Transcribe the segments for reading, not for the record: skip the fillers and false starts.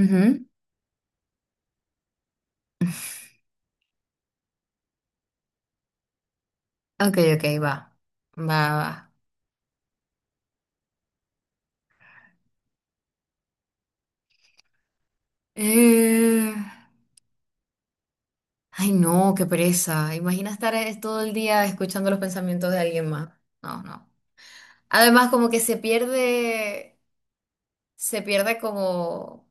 Ujú. Ok, ok, va. Va, va. Eh, Ay, no, qué pereza. Imagina estar todo el día escuchando los pensamientos de alguien más. No, no. Además, como que se pierde como,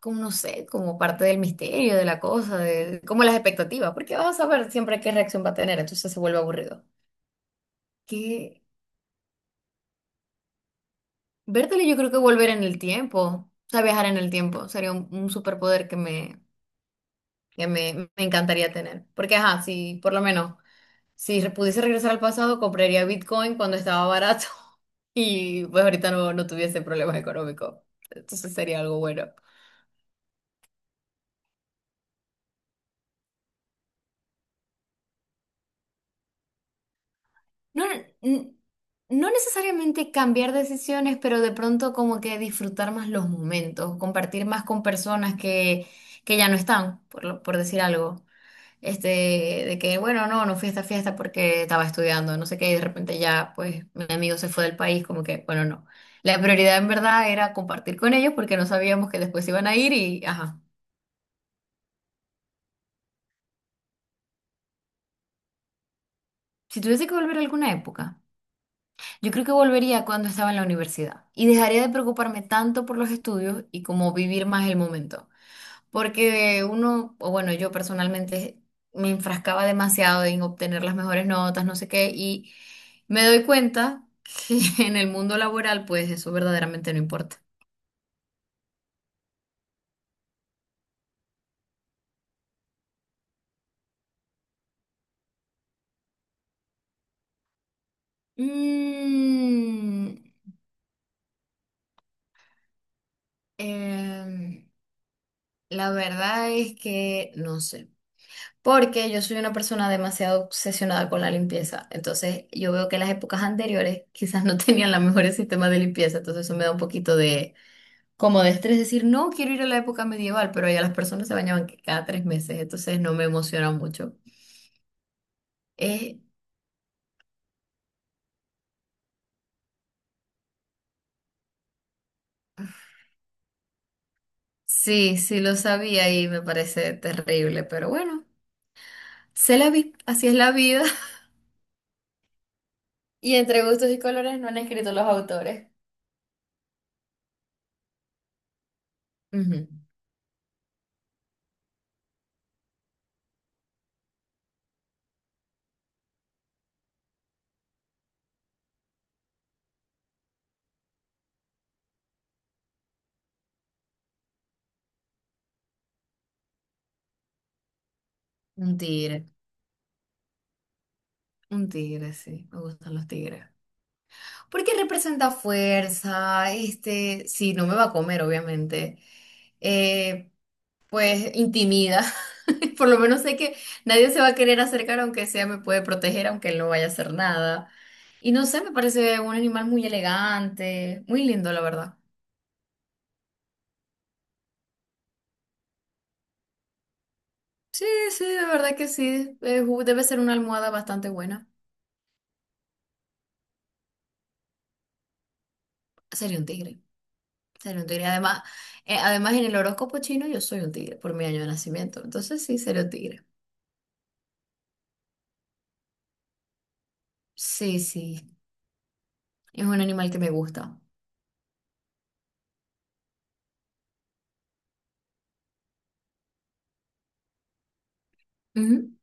como no sé, como parte del misterio de la cosa, de, como las expectativas, porque vas a saber siempre qué reacción va a tener, entonces se vuelve aburrido. Que vértelo, yo creo que volver en el tiempo, o sea, viajar en el tiempo, sería un superpoder que me, que me encantaría tener. Porque, ajá, si por lo menos, si pudiese regresar al pasado, compraría Bitcoin cuando estaba barato y pues ahorita no, no tuviese problemas económicos. Entonces sería algo bueno. No, n- no necesariamente cambiar decisiones, pero de pronto como que disfrutar más los momentos, compartir más con personas que ya no están, por, por decir algo. Este, de que, bueno, no, no fui a esta fiesta porque estaba estudiando, no sé qué, y de repente ya, pues, mi amigo se fue del país, como que, bueno, no. La prioridad en verdad era compartir con ellos porque no sabíamos que después iban a ir y, ajá. Si tuviese que volver a alguna época, yo creo que volvería cuando estaba en la universidad y dejaría de preocuparme tanto por los estudios y como vivir más el momento. Porque uno, o bueno, yo personalmente me enfrascaba demasiado en obtener las mejores notas, no sé qué, y me doy cuenta que en el mundo laboral, pues eso verdaderamente no importa. Mm, em, la verdad es que no sé, porque yo soy una persona demasiado obsesionada con la limpieza, entonces yo veo que las épocas anteriores quizás no tenían los mejores sistemas de limpieza, entonces eso me da un poquito de como de estrés, decir, no quiero ir a la época medieval, pero allá las personas se bañaban que cada 3 meses, entonces no me emociona mucho. Eh, sí, sí lo sabía y me parece terrible, pero bueno, se la vi, así es la vida. Y entre gustos y colores no han escrito los autores. Ujú. Un tigre, un tigre, sí, me gustan los tigres. Porque representa fuerza, este, sí, no me va a comer, obviamente. Eh, pues intimida. Por lo menos sé que nadie se va a querer acercar, aunque sea me puede proteger, aunque él no vaya a hacer nada. Y no sé, me parece un animal muy elegante, muy lindo, la verdad. Sí, sí, de verdad que sí. Debe ser una almohada bastante buena. Sería un tigre, sería un tigre. Además, además en el horóscopo chino yo soy un tigre por mi año de nacimiento. Entonces sí, sería un tigre. Sí, sí, es un animal que me gusta. Ujú,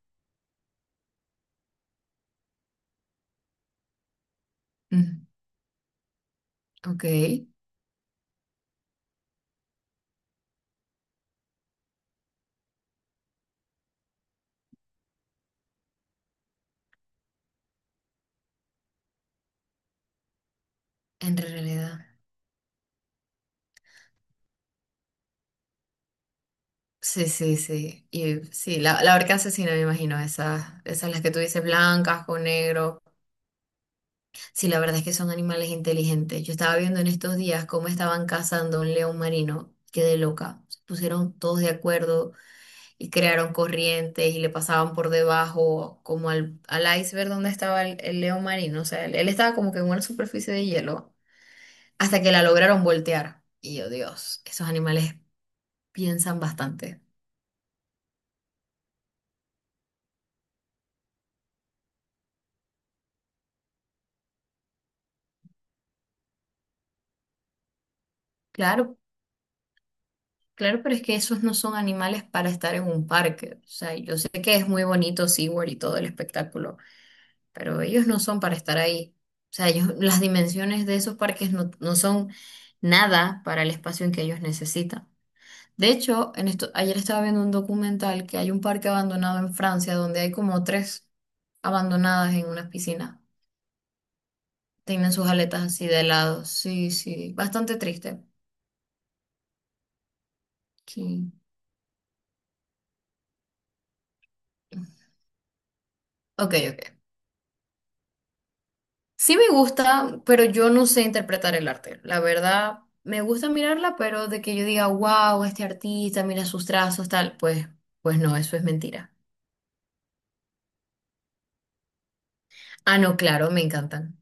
ujú. Ok, en realidad. Sí, sí, sí. Y sí, la orca asesina, me imagino, esas, esas las que tú dices, blancas con negro. Sí, la verdad es que son animales inteligentes. Yo estaba viendo en estos días cómo estaban cazando un león marino. Quedé loca. Se pusieron todos de acuerdo y crearon corrientes y le pasaban por debajo, como al, al iceberg donde estaba el león marino. O sea, él estaba como que en una superficie de hielo, hasta que la lograron voltear. Y yo, Dios, esos animales piensan bastante. Claro. Claro, pero es que esos no son animales para estar en un parque. O sea, yo sé que es muy bonito SeaWorld y todo el espectáculo, pero ellos no son para estar ahí. O sea, ellos- las dimensiones de esos parques no, no son nada para el espacio en que ellos necesitan. De hecho, en esto, ayer estaba viendo un documental que hay un parque abandonado en Francia donde hay como tres abandonadas en unas piscinas. Tienen sus aletas así de lado. Sí, sí, bastante triste. Sí. Ok, ok. Sí me gusta, pero yo no sé interpretar el arte. La verdad, me gusta mirarla, pero de que yo diga, wow, este artista, mira sus trazos, tal, pues, pues no, eso es mentira. Ah, no, claro, me encantan.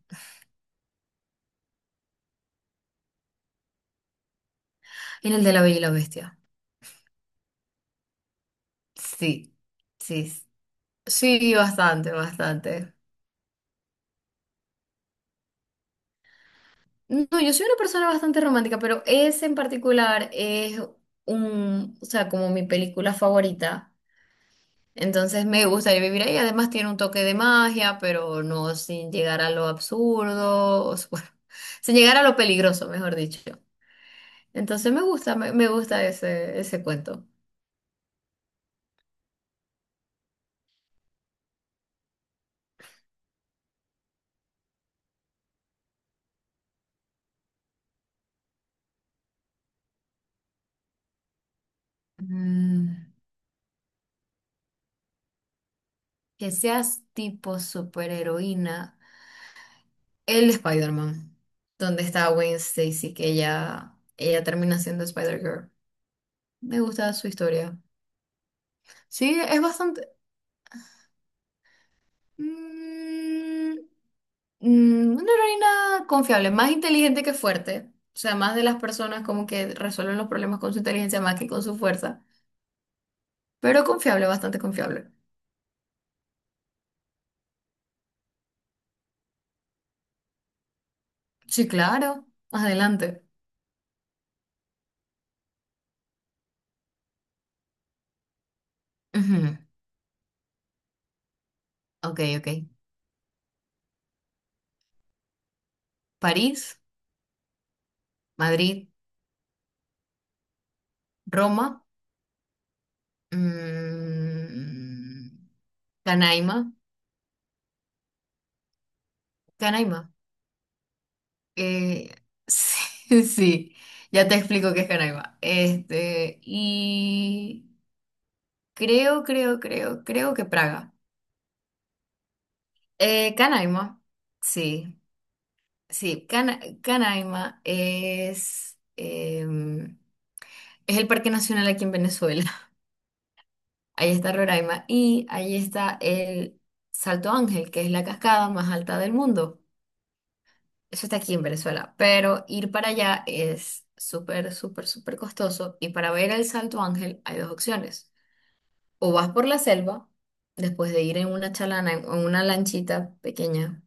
En el de La Bella y la Bestia. Sí, sí. Sí, bastante, bastante. No, yo soy una persona bastante romántica, pero ese en particular es un, o sea, como mi película favorita. Entonces me gustaría vivir ahí. Además tiene un toque de magia, pero no sin llegar a lo absurdo, o sea, bueno, sin llegar a lo peligroso, mejor dicho. Entonces me gusta, me gusta ese, ese cuento. Mm, que seas tipo superheroína. El Spider-Man, donde está Gwen Stacy, que ella termina siendo Spider-Girl. Me gusta su historia. Sí, es bastante... mm, una heroína confiable, más inteligente que fuerte. O sea, más de las personas como que resuelven los problemas con su inteligencia más que con su fuerza. Pero confiable, bastante confiable. Sí, claro. Adelante. Ujú. Ok, ok. París, Madrid, Roma, mm, Canaima. Canaima. Eh, sí, sí. Ya te explico qué es Canaima. Este, y creo, creo, creo, creo que Praga. Canaima, sí, sí, Canaima es, es el parque nacional aquí en Venezuela. Ahí está Roraima y ahí está el Salto Ángel, que es la cascada más alta del mundo. Eso está aquí en Venezuela, pero ir para allá es súper, súper, súper costoso y para ver el Salto Ángel hay dos opciones. O vas por la selva, después de ir en una chalana, en una lanchita pequeña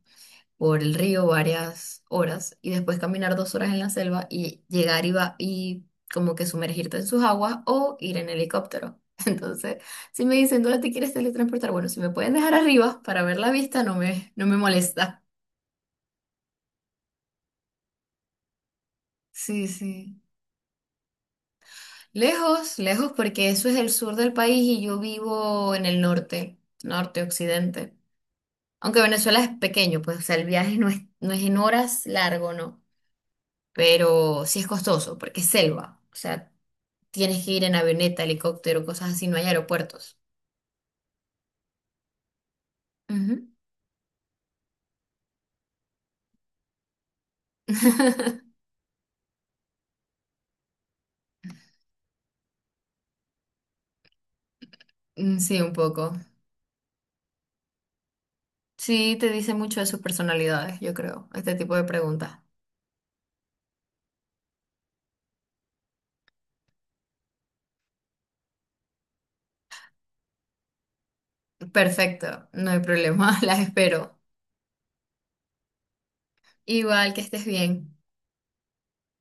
por el río varias horas y después caminar 2 horas en la selva y llegar y, y como que sumergirte en sus aguas o ir en helicóptero. Entonces, si me dicen, ¿dónde te quieres teletransportar? Bueno, si me pueden dejar arriba para ver la vista, no me, no me molesta. Sí, sí. Lejos, lejos, porque eso es el sur del país y yo vivo en el norte, norte, occidente. Aunque Venezuela es pequeño, pues, o sea, el viaje no es, no es en horas largo, ¿no? Pero sí es costoso, porque es selva. O sea, tienes que ir en avioneta, helicóptero, cosas así, no hay aeropuertos. Ujú. Sí, un poco. Sí, te dice mucho de sus personalidades, yo creo, este tipo de preguntas. Perfecto, no hay problema, las espero. Igual que estés bien.